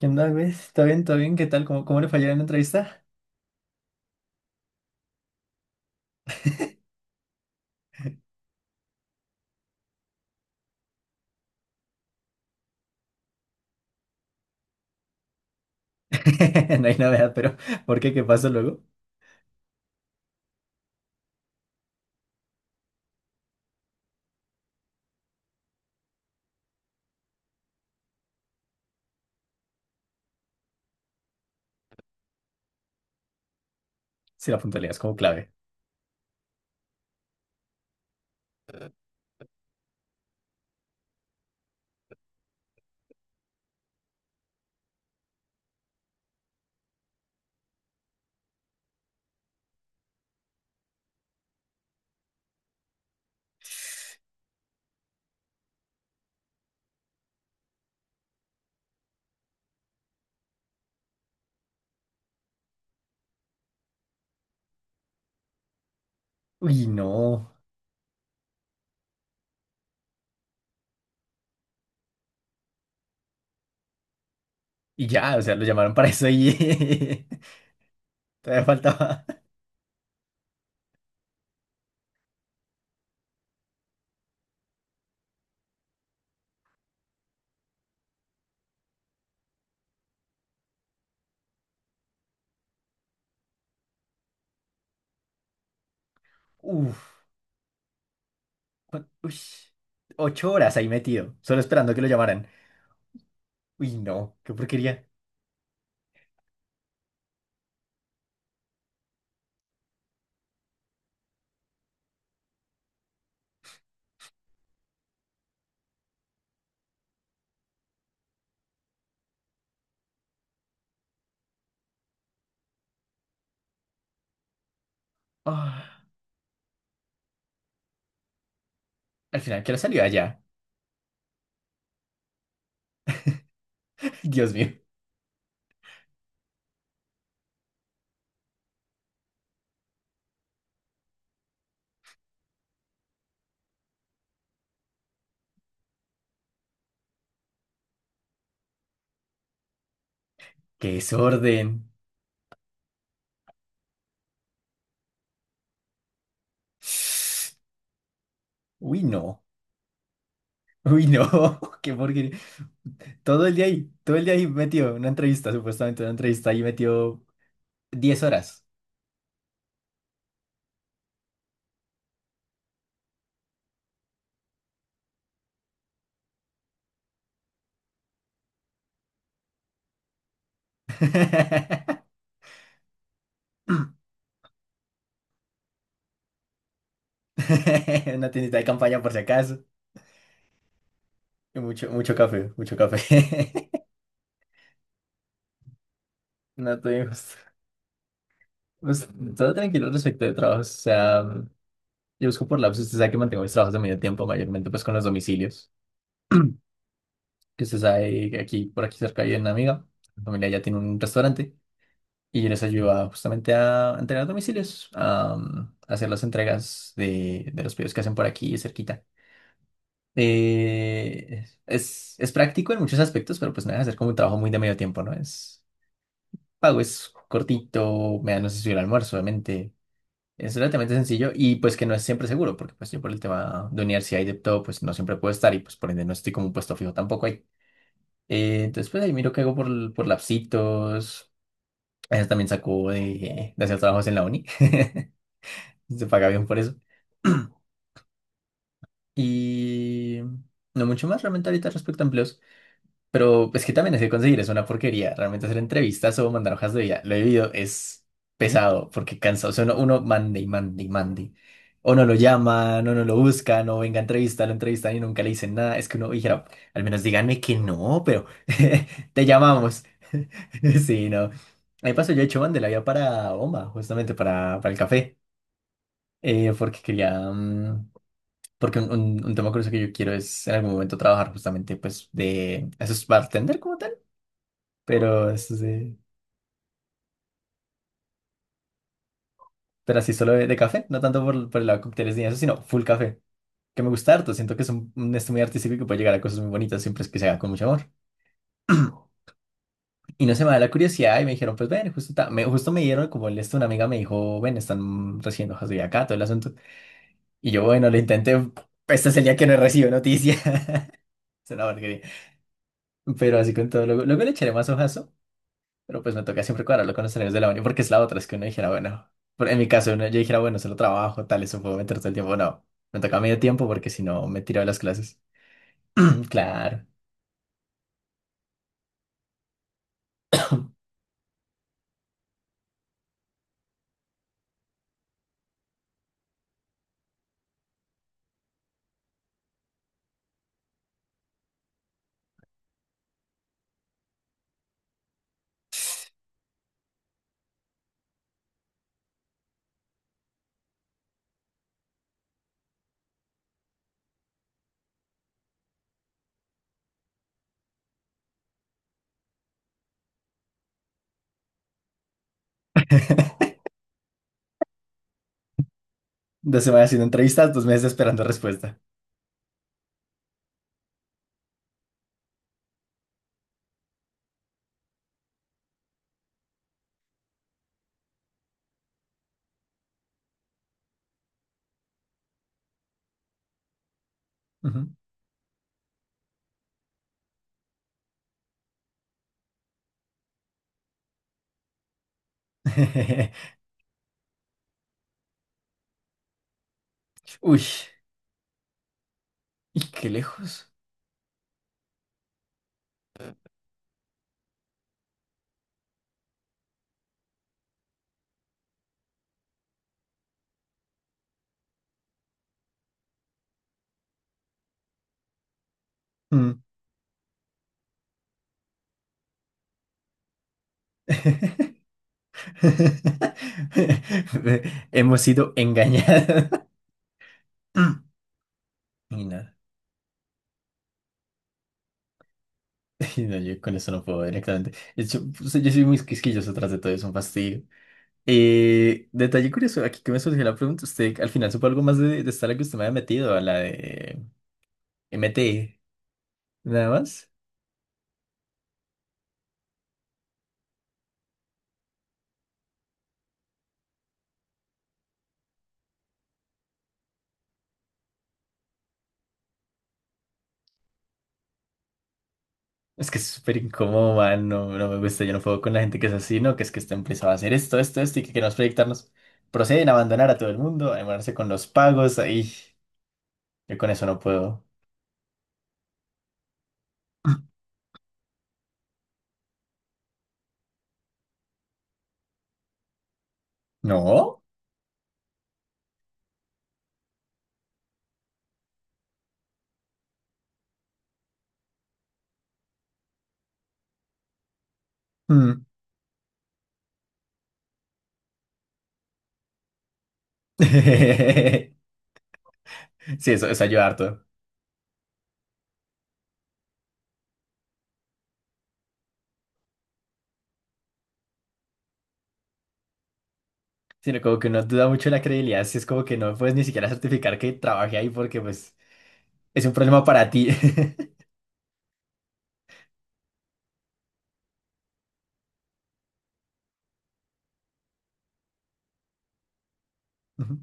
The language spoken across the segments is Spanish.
¿Qué onda, güey? ¿Está bien? ¿Todo bien? ¿Qué tal? ¿Cómo le fallaron en la entrevista? No hay novedad, pero ¿por qué? ¿Qué pasó luego? Si la puntualidad es como clave. Uy, no. Y ya, o sea, lo llamaron para eso y todavía faltaba. Uf, uy, ocho horas ahí metido, solo esperando que lo llamaran. Uy, no, qué porquería. Ah, al final, ¿qué hora salió allá? Dios mío, qué desorden. Uy, no. Uy, no, qué porquería. Todo el día ahí, todo el día ahí metido en una entrevista, supuestamente una entrevista ahí metió 10 horas. Una tiendita de campaña por si acaso. Y mucho, mucho café, mucho café. No tuvimos. Pues, todo tranquilo respecto de trabajos. O sea, yo busco por lapsos. Usted sabe que mantengo mis trabajos de medio tiempo, mayormente pues con los domicilios. Que usted sabe que aquí, por aquí cerca hay una amiga. La familia ya tiene un restaurante. Y yo les ayudo justamente a entregar domicilios, a, hacer las entregas de los pedidos que hacen por aquí cerquita. Es práctico en muchos aspectos, pero pues me deja hacer como un trabajo muy de medio tiempo, ¿no? Es pago, es cortito, me dan un sencillo almuerzo, obviamente. Es relativamente sencillo y pues que no es siempre seguro, porque pues yo por el tema de universidad y de todo, pues no siempre puedo estar y pues por ende no estoy como un puesto fijo tampoco ahí. Entonces pues ahí miro qué hago por lapsitos. A veces también saco de hacer trabajos en la uni. Se paga bien por eso. Y no mucho más realmente ahorita respecto a empleos. Pero es que también es que conseguir es una porquería. Realmente hacer entrevistas o mandar hojas de vida. Lo he vivido, es pesado porque cansa. O sea, uno mande y mande y mande. O no lo llaman, o no lo buscan, o venga a entrevistar, lo entrevistan y nunca le dicen nada. Es que uno dijera, al menos díganme que no, pero te llamamos. Sí, no. Ahí pasó, yo he hecho la ya para Bomba, justamente para el café, porque quería, porque un tema curioso que yo quiero es en algún momento trabajar justamente pues de... Eso es bartender como tal, pero eso es pero así solo de café, no tanto por el lado de cócteles ni eso, sino full café, que me gusta harto. Siento que es un esto muy artístico y que puede llegar a cosas muy bonitas siempre es que se haga con mucho amor. Y no se me da la curiosidad y me dijeron, pues ven, justo, justo me dieron como el esto, una amiga me dijo, ven, están recibiendo hojas de vida acá, todo el asunto. Y yo, bueno, lo intenté, este es el día que no recibo noticias. Es una porquería. Pero así con todo, luego, luego le echaré más hojas. Pero pues me toca siempre cuadrarlo con los horarios de la uni, porque es la otra, es que uno dijera, bueno, en mi caso uno, yo dijera, bueno, solo trabajo, tal, eso puedo meter todo el tiempo. No, me toca medio tiempo porque si no me tiro de las clases. Claro. Dos semanas haciendo entrevistas, dos meses esperando respuesta. Ujú. Uy, y qué lejos. Mm. Hemos sido engañados. Mm. Y nada. Y no, yo con eso no puedo directamente. De hecho, pues, yo soy muy quisquilloso tras de todo, es un fastidio. Detalle curioso, aquí que me surgió la pregunta, ¿usted al final supo algo más de esta a la que usted me había metido, a la de MT, nada más? Es que es súper incómodo, man, no, no me gusta, yo no puedo con la gente que es así, ¿no? Que es que esta empresa va a hacer esto, esto, esto y que queremos proyectarnos. Proceden a abandonar a todo el mundo, a demorarse con los pagos, ahí. Yo con eso no puedo. ¿No? Mm. Sí, eso ayuda harto. Sino como que uno duda mucho de la credibilidad, si es como que no puedes ni siquiera certificar que trabajé ahí porque pues es un problema para ti. Ujú.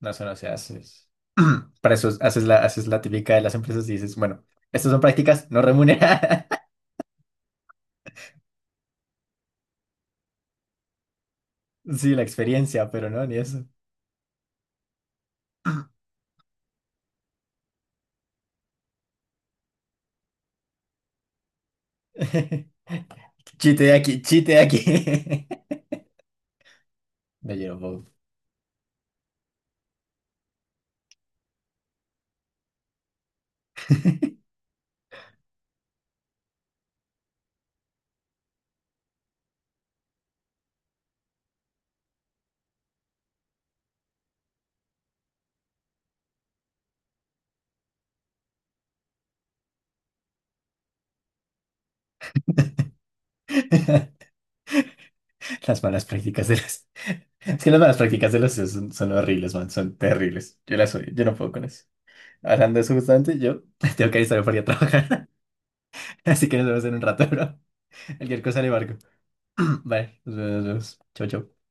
No solo se haces. Para eso es- haces la típica de las empresas y dices, bueno, estas son prácticas no remuneradas. Sí, la experiencia, pero no, ni eso. Chiste de aquí, chiste de aquí. Me llevo. Bob. Las malas prácticas de las. Es que las malas prácticas de los CEOs son, son horribles, man, son terribles. Yo las odio, yo no puedo con eso. Hablando de eso justamente, yo tengo que alistarme para ir a trabajar. Así que nos vemos en un rato, bro. Cualquier cosa le marco. Vale, nos vemos. Nos vemos. Chau, chau.